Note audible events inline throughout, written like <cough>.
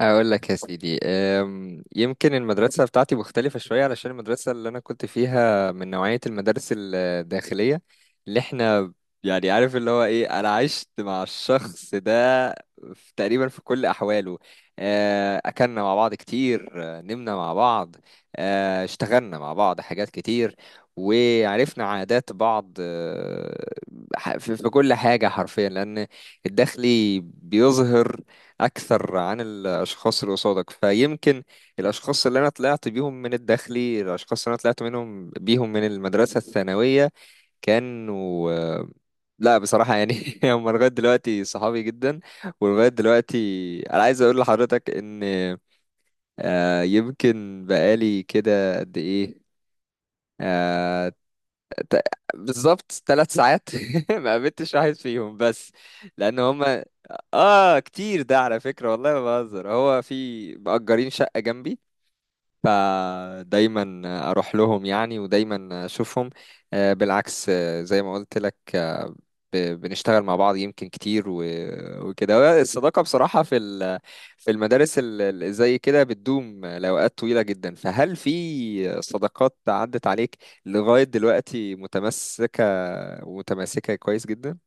اقول لك يا سيدي يمكن المدرسه بتاعتي مختلفه شويه علشان المدرسه اللي انا كنت فيها من نوعيه المدارس الداخليه اللي احنا يعني عارف اللي هو ايه انا عشت مع الشخص ده تقريبا في كل احواله. اكلنا مع بعض كتير. نمنا مع بعض. اشتغلنا مع بعض حاجات كتير وعرفنا عادات بعض. أه، ح- في في كل حاجه حرفيا، لان الداخلي بيظهر اكثر عن الاشخاص اللي قصادك، فيمكن الاشخاص اللي انا طلعت بيهم من الداخلي، الاشخاص اللي انا طلعت منهم بيهم من المدرسه الثانويه كانوا لا بصراحه يعني <laughs> هم لغايه دلوقتي صحابي جدا ولغايه دلوقتي انا عايز اقول لحضرتك ان يمكن بقالي كده قد ايه، آه، ت- بالظبط 3 ساعات <laughs> ما قابلتش واحد فيهم، بس لان هم اه كتير ده على فكرة، والله ما بهزر، هو في مأجرين شقة جنبي، فدايما اروح لهم يعني ودايما اشوفهم. بالعكس، زي ما قلت لك، بنشتغل مع بعض يمكن كتير وكده. هو الصداقة بصراحة في في المدارس زي كده بتدوم لأوقات طويلة جدا، فهل في صداقات عدت عليك لغاية دلوقتي متمسكة ومتماسكة كويس جدا؟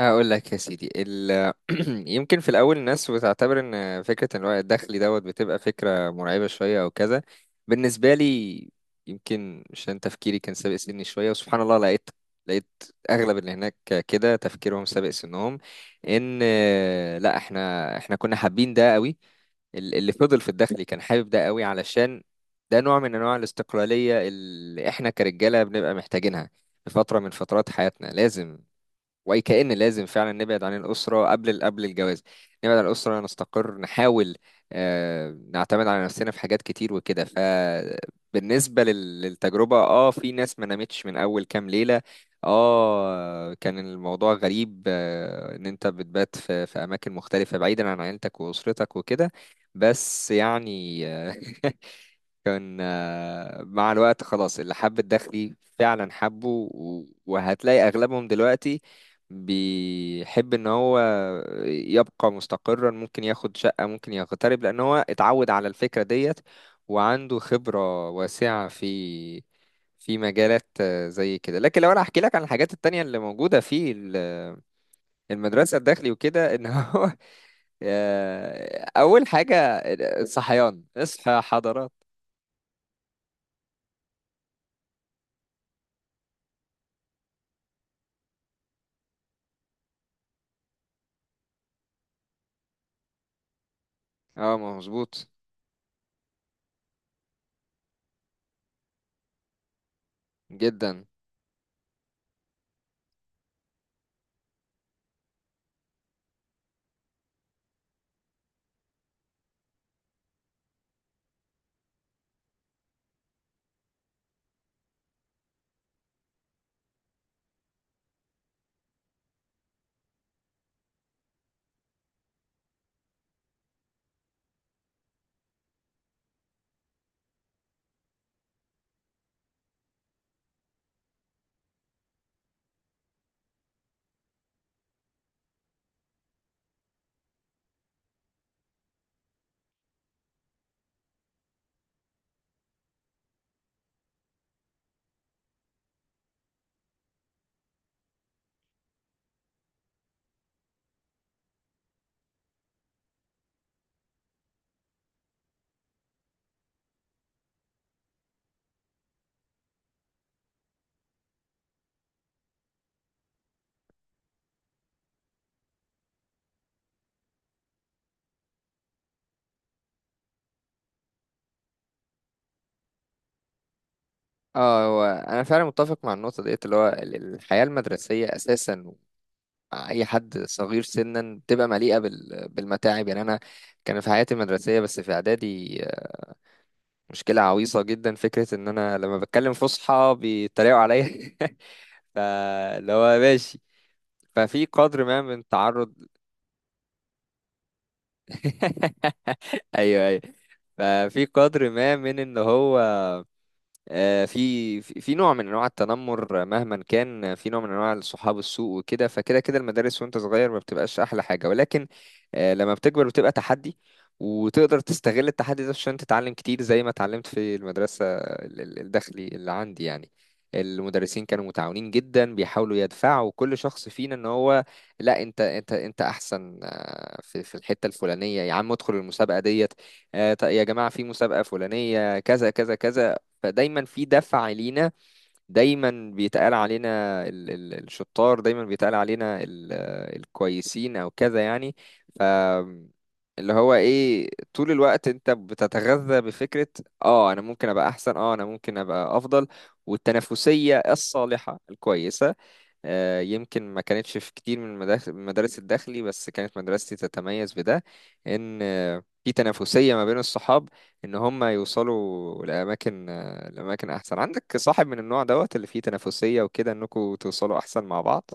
اقول لك يا سيدي <clears throat> يمكن في الاول الناس بتعتبر ان فكره الوقت الدخلي دوت بتبقى فكره مرعبه شويه او كذا. بالنسبه لي يمكن عشان تفكيري كان سابق سني شويه، وسبحان الله لقيت لقيت اغلب اللي هناك كده تفكيرهم سابق سنهم. ان لا، احنا كنا حابين ده قوي. اللي فضل في الدخلي كان حابب ده قوي، علشان ده نوع من انواع الاستقلاليه اللي احنا كرجاله بنبقى محتاجينها في فتره من فترات حياتنا. لازم، وكأن لازم فعلا نبعد عن الأسرة قبل الجواز. نبعد عن الأسرة، نستقر، نحاول نعتمد على نفسنا في حاجات كتير وكده. فبالنسبة للتجربة، اه في ناس ما نامتش من أول كام ليلة. اه كان الموضوع غريب، ان انت بتبات في اماكن مختلفة بعيدا عن عيلتك واسرتك وكده. بس يعني <laughs> كان مع الوقت خلاص اللي حب الداخلي فعلا حبه، وهتلاقي أغلبهم دلوقتي بيحب إن هو يبقى مستقرا، ممكن ياخد شقة، ممكن يغترب، لأن هو اتعود على الفكرة ديت وعنده خبرة واسعة في في مجالات زي كده. لكن لو انا احكي لك عن الحاجات التانية اللي موجودة في المدرسة الداخلي وكده، ان هو <laughs> اول حاجة الصحيان، اصحى يا حضرات. اه، ما مظبوط جدا. اه هو انا فعلا متفق مع النقطه ديت، اللي هو الحياه المدرسيه اساسا مع اي حد صغير سنا بتبقى مليئه بالمتاعب. يعني انا كان في حياتي المدرسيه، بس في اعدادي، مشكله عويصه جدا، فكره ان انا لما بتكلم فصحى بيتريقوا عليا <laughs> فاللي هو ماشي. ففي قدر ما من تعرض <laughs> ايوه ايوه. ففي قدر ما من ان هو في نوع من انواع التنمر، مهما كان، في نوع من انواع صحاب السوء وكده. فكده كده المدارس وانت صغير ما بتبقاش احلى حاجه، ولكن لما بتكبر بتبقى تحدي، وتقدر تستغل التحدي ده عشان تتعلم كتير، زي ما اتعلمت في المدرسه الداخلي اللي عندي. يعني المدرسين كانوا متعاونين جدا، بيحاولوا يدفعوا كل شخص فينا ان هو لا، انت احسن في في الحته الفلانيه، يا عم ادخل المسابقه ديت. طيب يا جماعه في مسابقه فلانيه كذا كذا كذا. فدايما في دفعة لينا، دايما بيتقال علينا ال ال الشطار، دايما بيتقال علينا ال الكويسين او كذا يعني. ف اللي هو ايه، طول الوقت انت بتتغذى بفكرة اه انا ممكن ابقى احسن، اه انا ممكن ابقى افضل. والتنافسية الصالحة الكويسة، يمكن ما كانتش في كتير من المدارس الداخلي، بس كانت مدرستي تتميز بده. ان في تنافسية ما بين الصحاب، ان هم يوصلوا لأماكن لأماكن احسن. عندك صاحب من النوع دوت اللي فيه تنافسية وكده انكم توصلوا احسن مع بعض.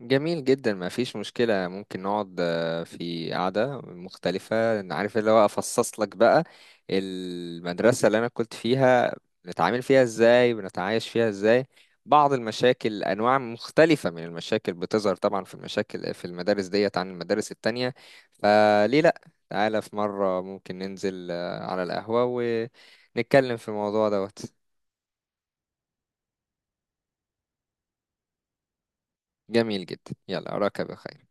جميل جدا، ما فيش مشكلة، ممكن نقعد في قعدة مختلفة، أنا عارف اللي هو أفصص لك بقى المدرسة اللي أنا كنت فيها، بنتعامل فيها إزاي، بنتعايش فيها إزاي، بعض المشاكل، أنواع مختلفة من المشاكل بتظهر طبعا في المشاكل في المدارس ديت عن المدارس التانية. فليه لأ، تعالى في مرة ممكن ننزل على القهوة ونتكلم في الموضوع دوت. جميل جدا، يلا أراك بخير.